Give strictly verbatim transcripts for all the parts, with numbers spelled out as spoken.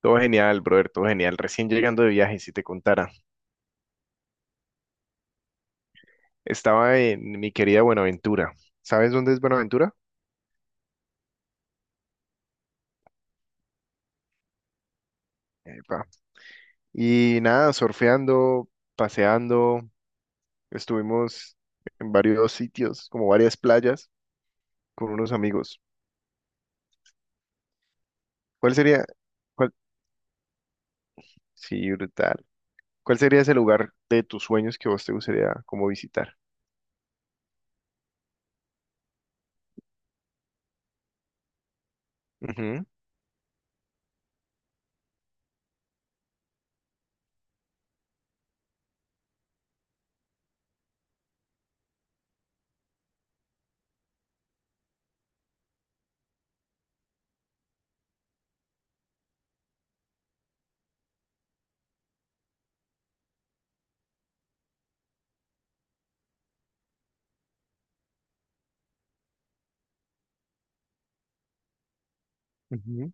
Todo genial, brother, todo genial. Recién llegando de viaje, si te contara. Estaba en mi querida Buenaventura. ¿Sabes dónde es Buenaventura? Epa. Y nada, surfeando, paseando. Estuvimos en varios sitios, como varias playas, con unos amigos. ¿Cuál sería? cuál- Sí, brutal. ¿Cuál sería ese lugar de tus sueños que vos te gustaría como visitar? Ujú, ujú,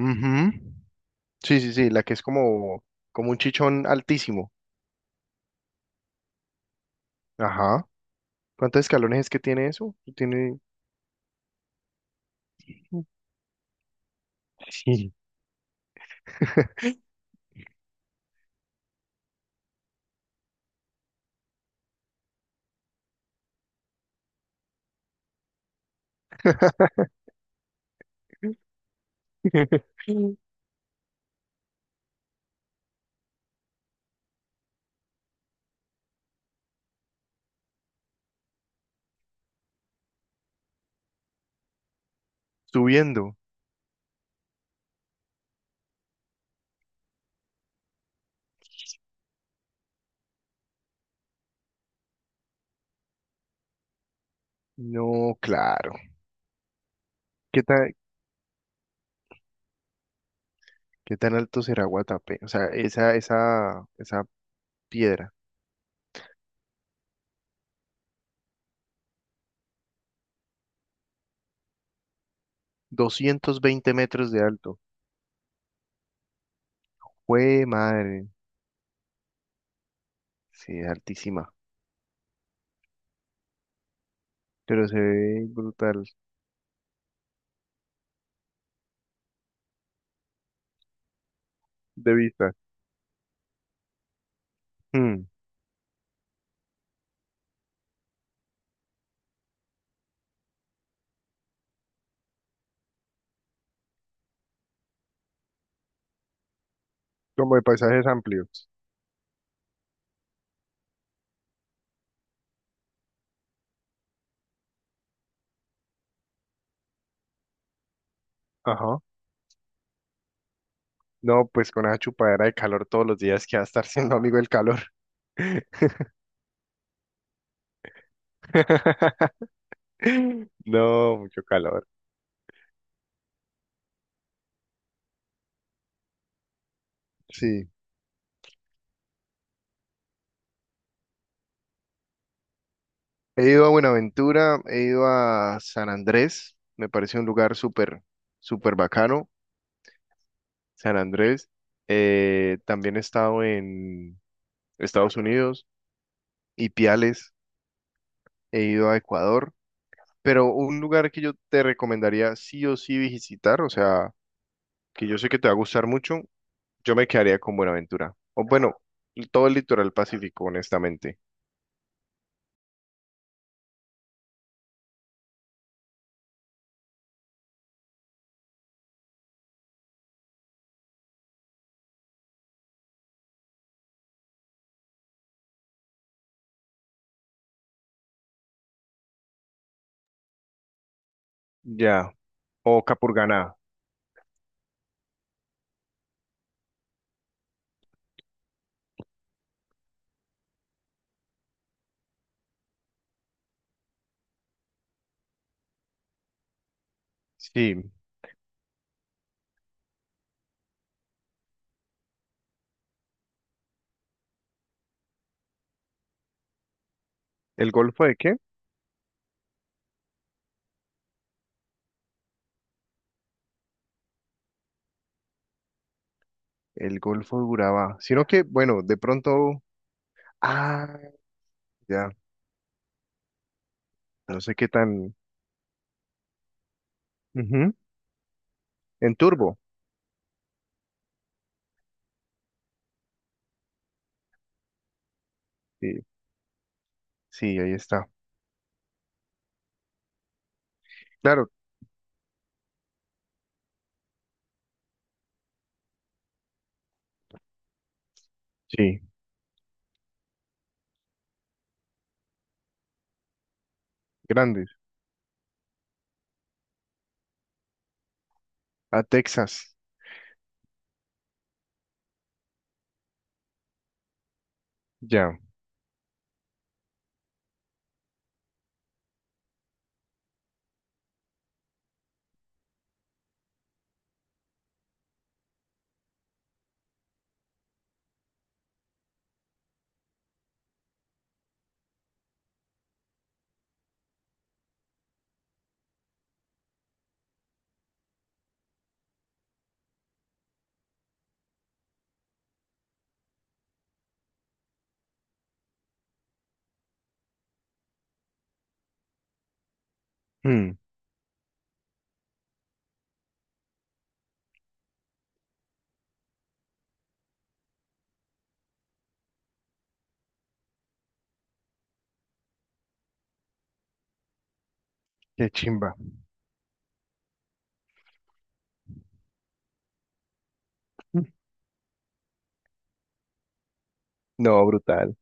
ujú. Sí, sí, sí, la que es como, como un chichón altísimo. Ajá. ¿Cuántos escalones es que tiene eso? Tiene. Sí. Subiendo. No, claro. ¿Qué tan, ¿Qué tan alto será Guatapé? O sea, esa, esa, esa piedra. Doscientos veinte metros de alto. ¡Jue madre! Sí, es altísima. Pero se ve brutal. De vista. Mm. Como de paisajes amplios. Ajá. No, pues con esa chupadera de calor todos los días que va a estar siendo amigo del calor. No, mucho calor. Sí. He ido a Buenaventura, he ido a San Andrés, me parece un lugar súper, súper bacano, San Andrés. Eh, también he estado en Estados Unidos y Piales, he ido a Ecuador, pero un lugar que yo te recomendaría sí o sí visitar, o sea, que yo sé que te va a gustar mucho, yo me quedaría con Buenaventura. O bueno, todo el litoral pacífico, honestamente. Ya, o Capurganá. Sí, ¿el Golfo de qué? El Golfo de Urabá. Sino que, bueno, de pronto. Ah, ya. No sé qué tan. Ujú. En turbo. Sí, sí, ahí está. Claro, sí. Grandes. A Texas. Ya. Mm, qué chimba. Mm. No, brutal.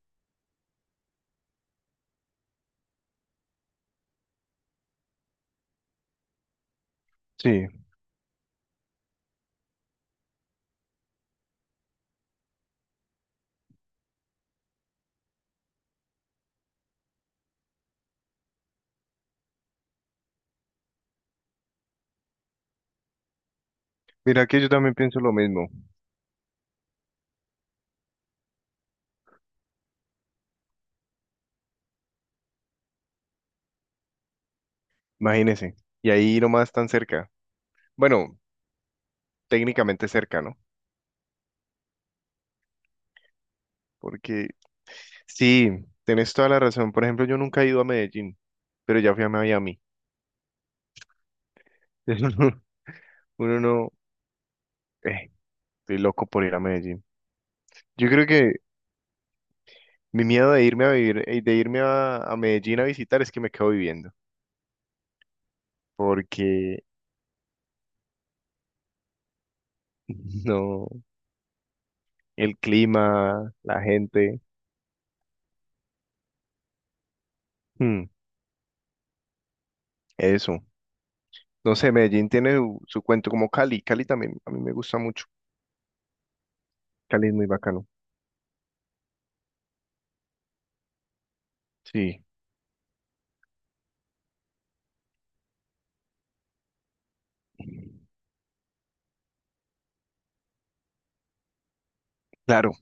Sí. Mira que yo también pienso lo mismo. Imagínese. Y ahí nomás tan cerca. Bueno, técnicamente cerca, ¿no? Porque sí, tenés toda la razón. Por ejemplo, yo nunca he ido a Medellín, pero ya fui a Miami. Uno no. eh, Estoy loco por ir a Medellín. Yo creo que mi miedo de irme a vivir, eh, de irme a, a Medellín a visitar es que me quedo viviendo. Porque no, el clima, la gente, mm, eso. No sé, Medellín tiene su, su cuento como Cali. Cali también, a mí me gusta mucho. Cali es muy bacano. Sí, claro,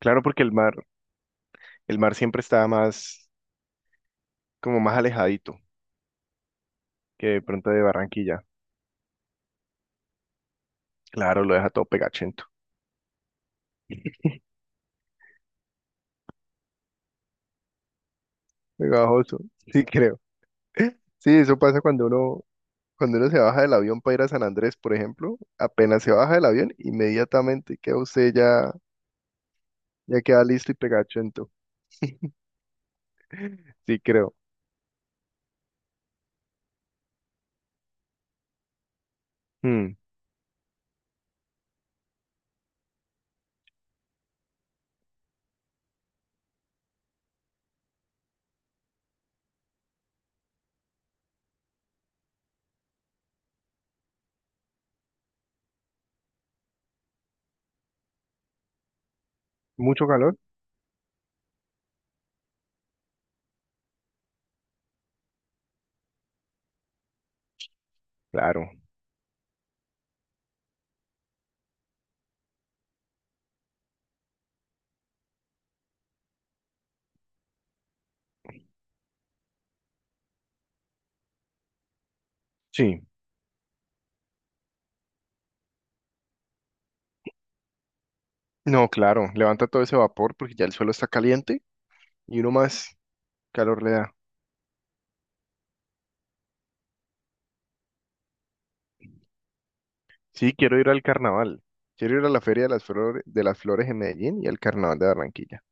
claro porque el mar, el mar siempre está más, como más alejadito que de pronto de Barranquilla. Claro, lo deja todo pegachento, pegajoso. Sí, creo. Sí, eso pasa cuando uno cuando uno se baja del avión para ir a San Andrés, por ejemplo, apenas se baja del avión, inmediatamente queda usted ya, ya queda listo y pegachento. Sí, creo. Mm. ¿Mucho calor? Claro. Sí. No, claro. Levanta todo ese vapor porque ya el suelo está caliente y uno más calor le da. Sí, quiero ir al carnaval. Quiero ir a la Feria de las Flores, de las Flores en Medellín y al Carnaval de Barranquilla.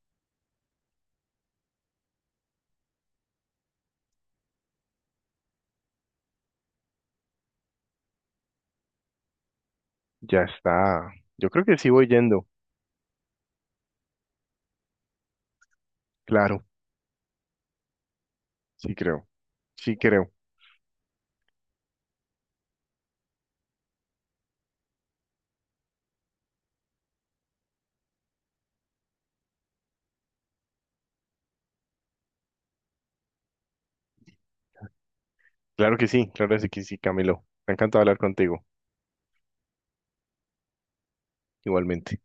Ya está. Yo creo que sí voy yendo. Claro. Sí, creo. Sí, creo. Claro que sí. Claro que sí, Camilo. Me ha encantado hablar contigo. Igualmente.